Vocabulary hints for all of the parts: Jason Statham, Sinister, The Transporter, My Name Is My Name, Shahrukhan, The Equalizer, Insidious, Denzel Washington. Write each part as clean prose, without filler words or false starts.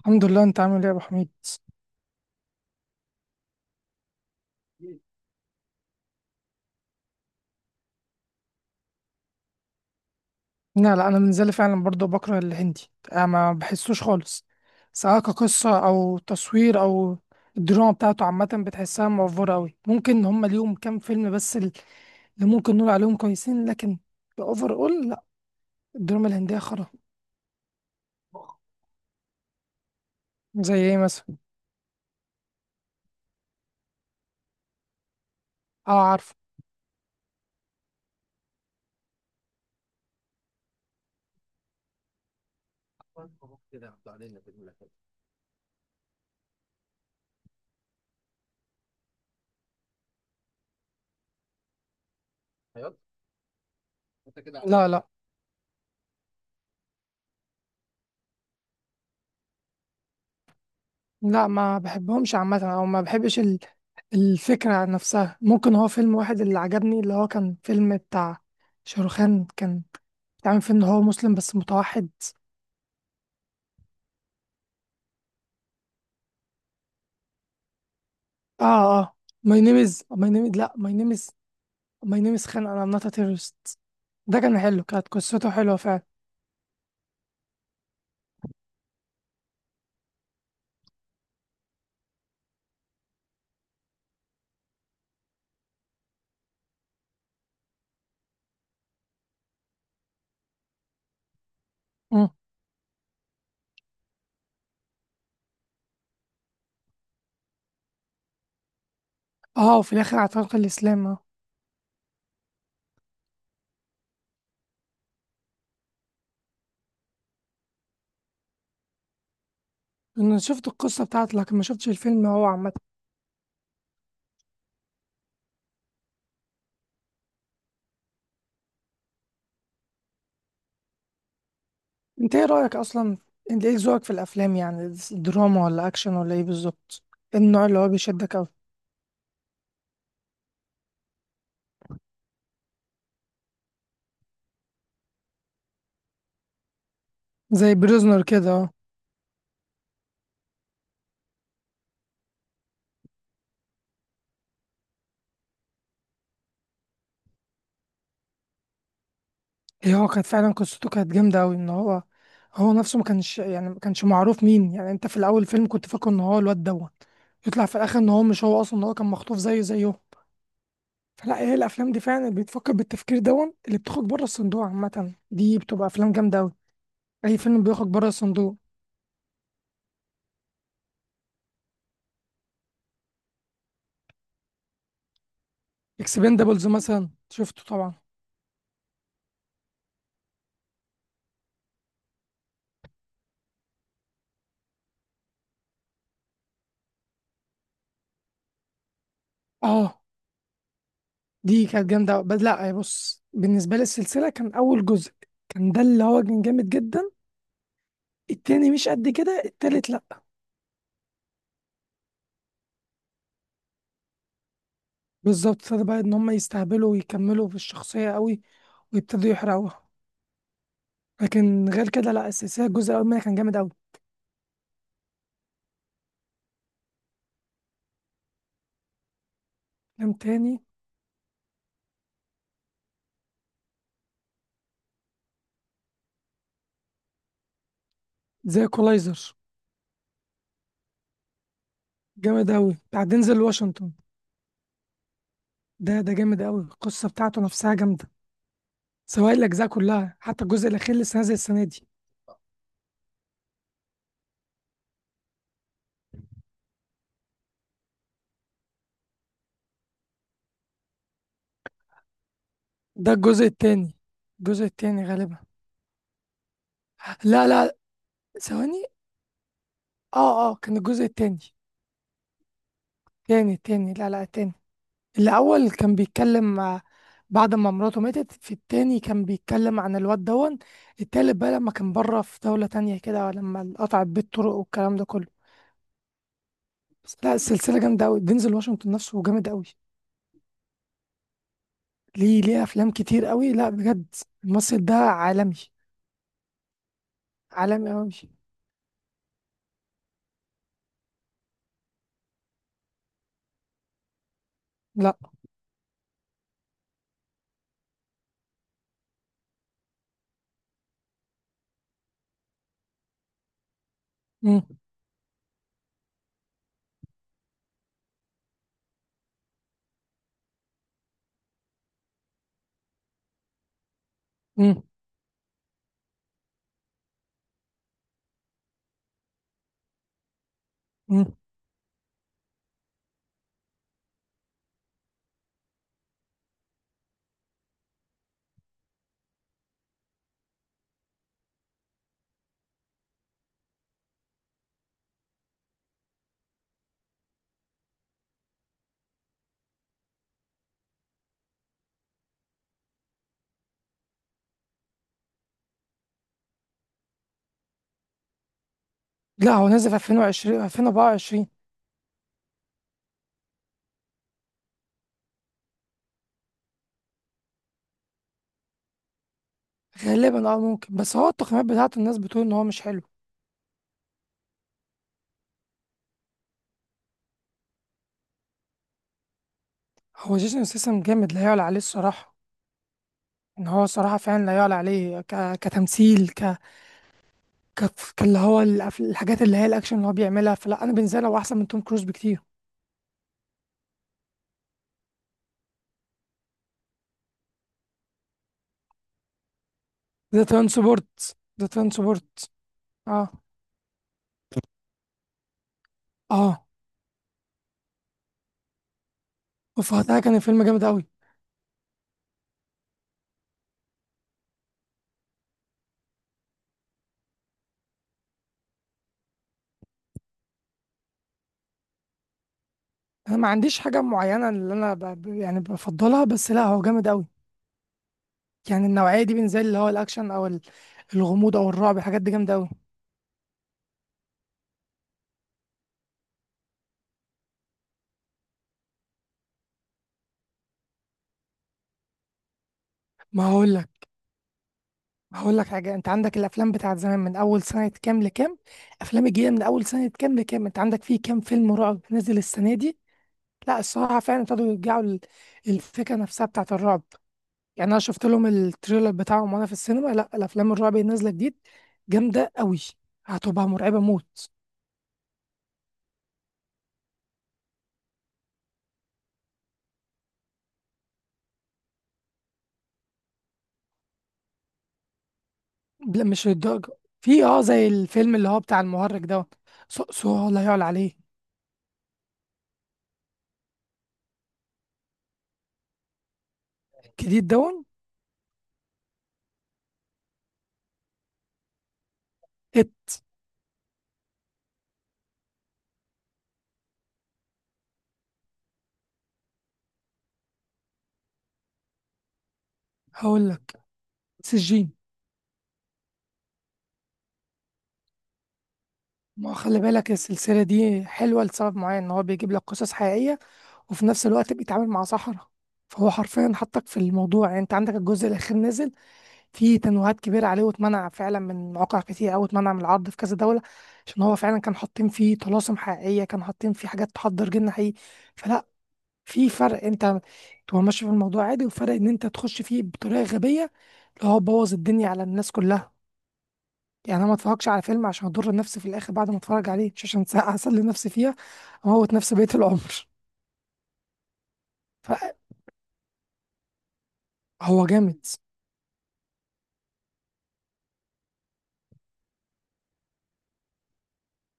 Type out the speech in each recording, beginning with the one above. الحمد لله، انت عامل ايه يا ابو حميد؟ لا، لا، انا بالنسبه فعلا برضه بكره الهندي، انا ما بحسوش خالص، سواء كقصه او تصوير، او الدراما بتاعته عامه بتحسها موفره قوي. ممكن هم ليهم كام فيلم بس اللي ممكن نقول عليهم كويسين، لكن اوفر اول لا. الدراما الهنديه خرا. زي ايه مثلا؟ اه، عارفه. لا، لا، لا، ما بحبهمش عامه، او ما بحبش الفكرة نفسها. ممكن هو فيلم واحد اللي عجبني، اللي هو كان فيلم بتاع شاروخان، كان تعمل فيه ان هو مسلم بس متوحد. اه، اه. ماي نيم از ماي نيم لا ماي نيم از خان انا ام نوت تيرورست. ده كان حلو، كانت قصته حلوه فعلا. مم. اه، وفي الاخر اعتنق الاسلام، اه. انا شفت القصه بتاعته لكن ما شفتش الفيلم هو عامه. انت ايه رايك اصلا؟ انت ايه ذوقك في الافلام، يعني دراما ولا اكشن ولا ايه بالظبط؟ إيه النوع اللي هو بيشدك اوي؟ زي بريزنر كده، اه. هي هو كانت فعلا قصته كانت جامدة أوي، إن هو هو نفسه ما كانش، يعني ما كانش معروف مين. يعني أنت في الأول الفيلم كنت فاكره إن هو الواد دوت، يطلع في الآخر إن هو مش هو أصلا، إن هو كان مخطوف زيه زيه. فلا، هي الأفلام دي فعلا اللي بتفكر بالتفكير دون، اللي بتخرج بره الصندوق عامة، دي بتبقى أفلام جامدة أوي. أي فيلم بيخرج بره الصندوق. إكسبندابلز مثلا شفته طبعا. أه، دي كانت جامدة أوي، بس لا بص، بالنسبة لي السلسلة كان أول جزء كان ده اللي هو كان جامد جدا. التاني مش قد كده، التالت لا. بالظبط، ابتدى بقى ان هم يستهبلوا ويكملوا في الشخصيه قوي، ويبتدوا يحرقوها. لكن غير كده لا، السلسله الجزء الاول منها كان جامد قوي. فيلم تاني. زي كولايزر. جامد قوي، بتاع دينزل واشنطن. ده جامد قوي، القصه بتاعته نفسها جامده، سواء الاجزاء كلها حتى الجزء الاخير اللي لسه نازل السنه دي. ده الجزء التاني، الجزء التاني غالبا. لا، لا، ثواني. اه، اه، كان الجزء التاني. تاني، تاني، لا، لا، التاني. الأول كان بيتكلم بعد ما مراته ماتت. في التاني كان بيتكلم عن الواد دون. التالت بقى لما كان بره في دولة تانية كده، لما قطعت بيه الطرق والكلام ده كله. بس لا، السلسلة جامدة أوي، دينزل واشنطن نفسه جامد أوي. ليه، ليه أفلام كتير أوي، لا بجد. الممثل ده عالمي. عالمي أوي. لا. مم. مم. مم. لا، هو نازل في 2020 2024 غالبا. اه، ممكن، بس هو التقييمات بتاعته الناس بتقول ان هو مش حلو. هو جيسون سيسم جامد، لا يعلى عليه الصراحة. ان هو صراحه فعلا لا يعلى عليه كتمثيل، ك... كاللي هو الحاجات اللي هي الاكشن اللي هو بيعملها. فلا انا بالنسبه لي هو احسن من توم كروز بكتير. ذا ترانسبورت، ذا ترانسبورت. اه، اه. وفاتها، كان الفيلم جامد قوي. انا ما عنديش حاجه معينه اللي انا يعني بفضلها، بس لا هو جامد قوي. يعني النوعيه دي بالنسبه لي اللي هو الاكشن، او الغموض او الرعب، الحاجات دي جامده قوي. ما هقول هقول لك حاجة. انت عندك الافلام بتاعت زمان من اول سنة كام لكام، افلام الجديدة من اول سنة كام لكام. انت عندك فيه كام فيلم رعب نزل السنة دي؟ لا الصراحة، فعلا ابتدوا يرجعوا الفكرة نفسها بتاعت الرعب. يعني انا شفت لهم التريلر بتاعهم وانا في السينما، لا الافلام الرعب اللي نازلة جديد جامدة قوي، هتبقى مرعبة موت. لا مش للدرجة. في اه، زي الفيلم اللي هو بتاع المهرج دوت، سوء، سوء، لا يعلى عليه. جديد دون. ات. هقول لك، سجين. ما خلي بالك السلسلة دي حلوة لسبب معين، إن هو بيجيب لك قصص حقيقية، وفي نفس الوقت بيتعامل مع سحرة. فهو حرفيا حطك في الموضوع. يعني أنت عندك الجزء الأخير نزل فيه تنويهات كبيرة عليه، واتمنع فعلا من مواقع كتير، أو اتمنع من العرض في كذا دولة، عشان هو فعلا كان حاطين فيه طلاسم حقيقية، كان حاطين فيه حاجات تحضر جن حقيقي. فلا، في فرق أنت تبقى ماشي في الموضوع عادي، وفرق إن أنت تخش فيه بطريقة غبية، اللي هو بوظ الدنيا على الناس كلها. يعني انا ما اتفرجش على فيلم عشان اضر نفسي في الاخر بعد ما اتفرج عليه، مش عشان ساعة اسلي نفسي فيها اموت نفسي بقية العمر. فهو جامد.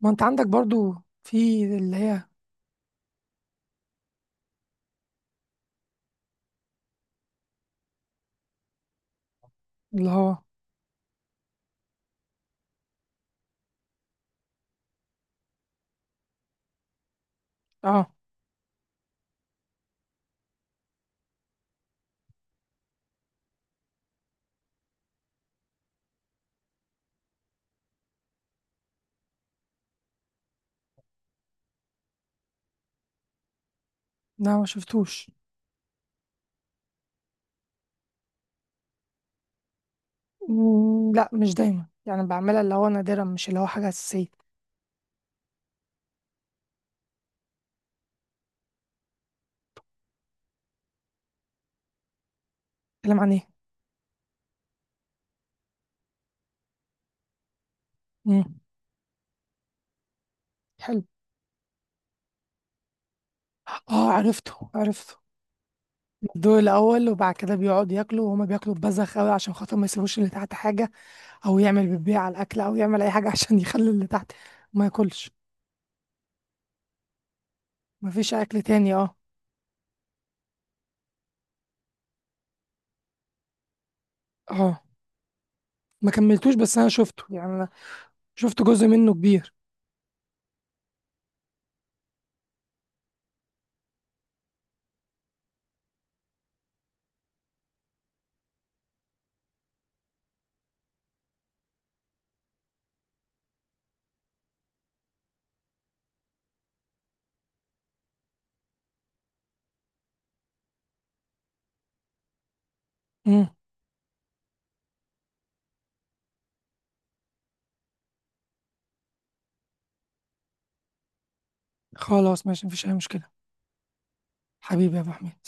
ما انت عندك برضو. في اللي هي، اللي هو اه، لا ما شفتوش. مم، لا مش دايما، يعني بعملها اللي هو نادرا، مش اللي هو حاجة أساسية. اتكلم عن ايه؟ مم. حلو. اه، عرفته، عرفته. الدور الأول، وبعد كده بيقعدوا ياكلوا وهما بياكلوا ببذخ أوي عشان خاطر ما يسيبوش اللي تحت حاجة، أو يعمل بيبيع على الأكل، أو يعمل أي حاجة عشان يخلي اللي تحت ما ياكلش. مفيش اكل تاني، اه. اه، ما كملتوش، بس انا شفته يعني، انا شفت جزء منه كبير. امم. خلاص، ماشي، مفيش اي مشكله. حبيبي يا ابو حميد.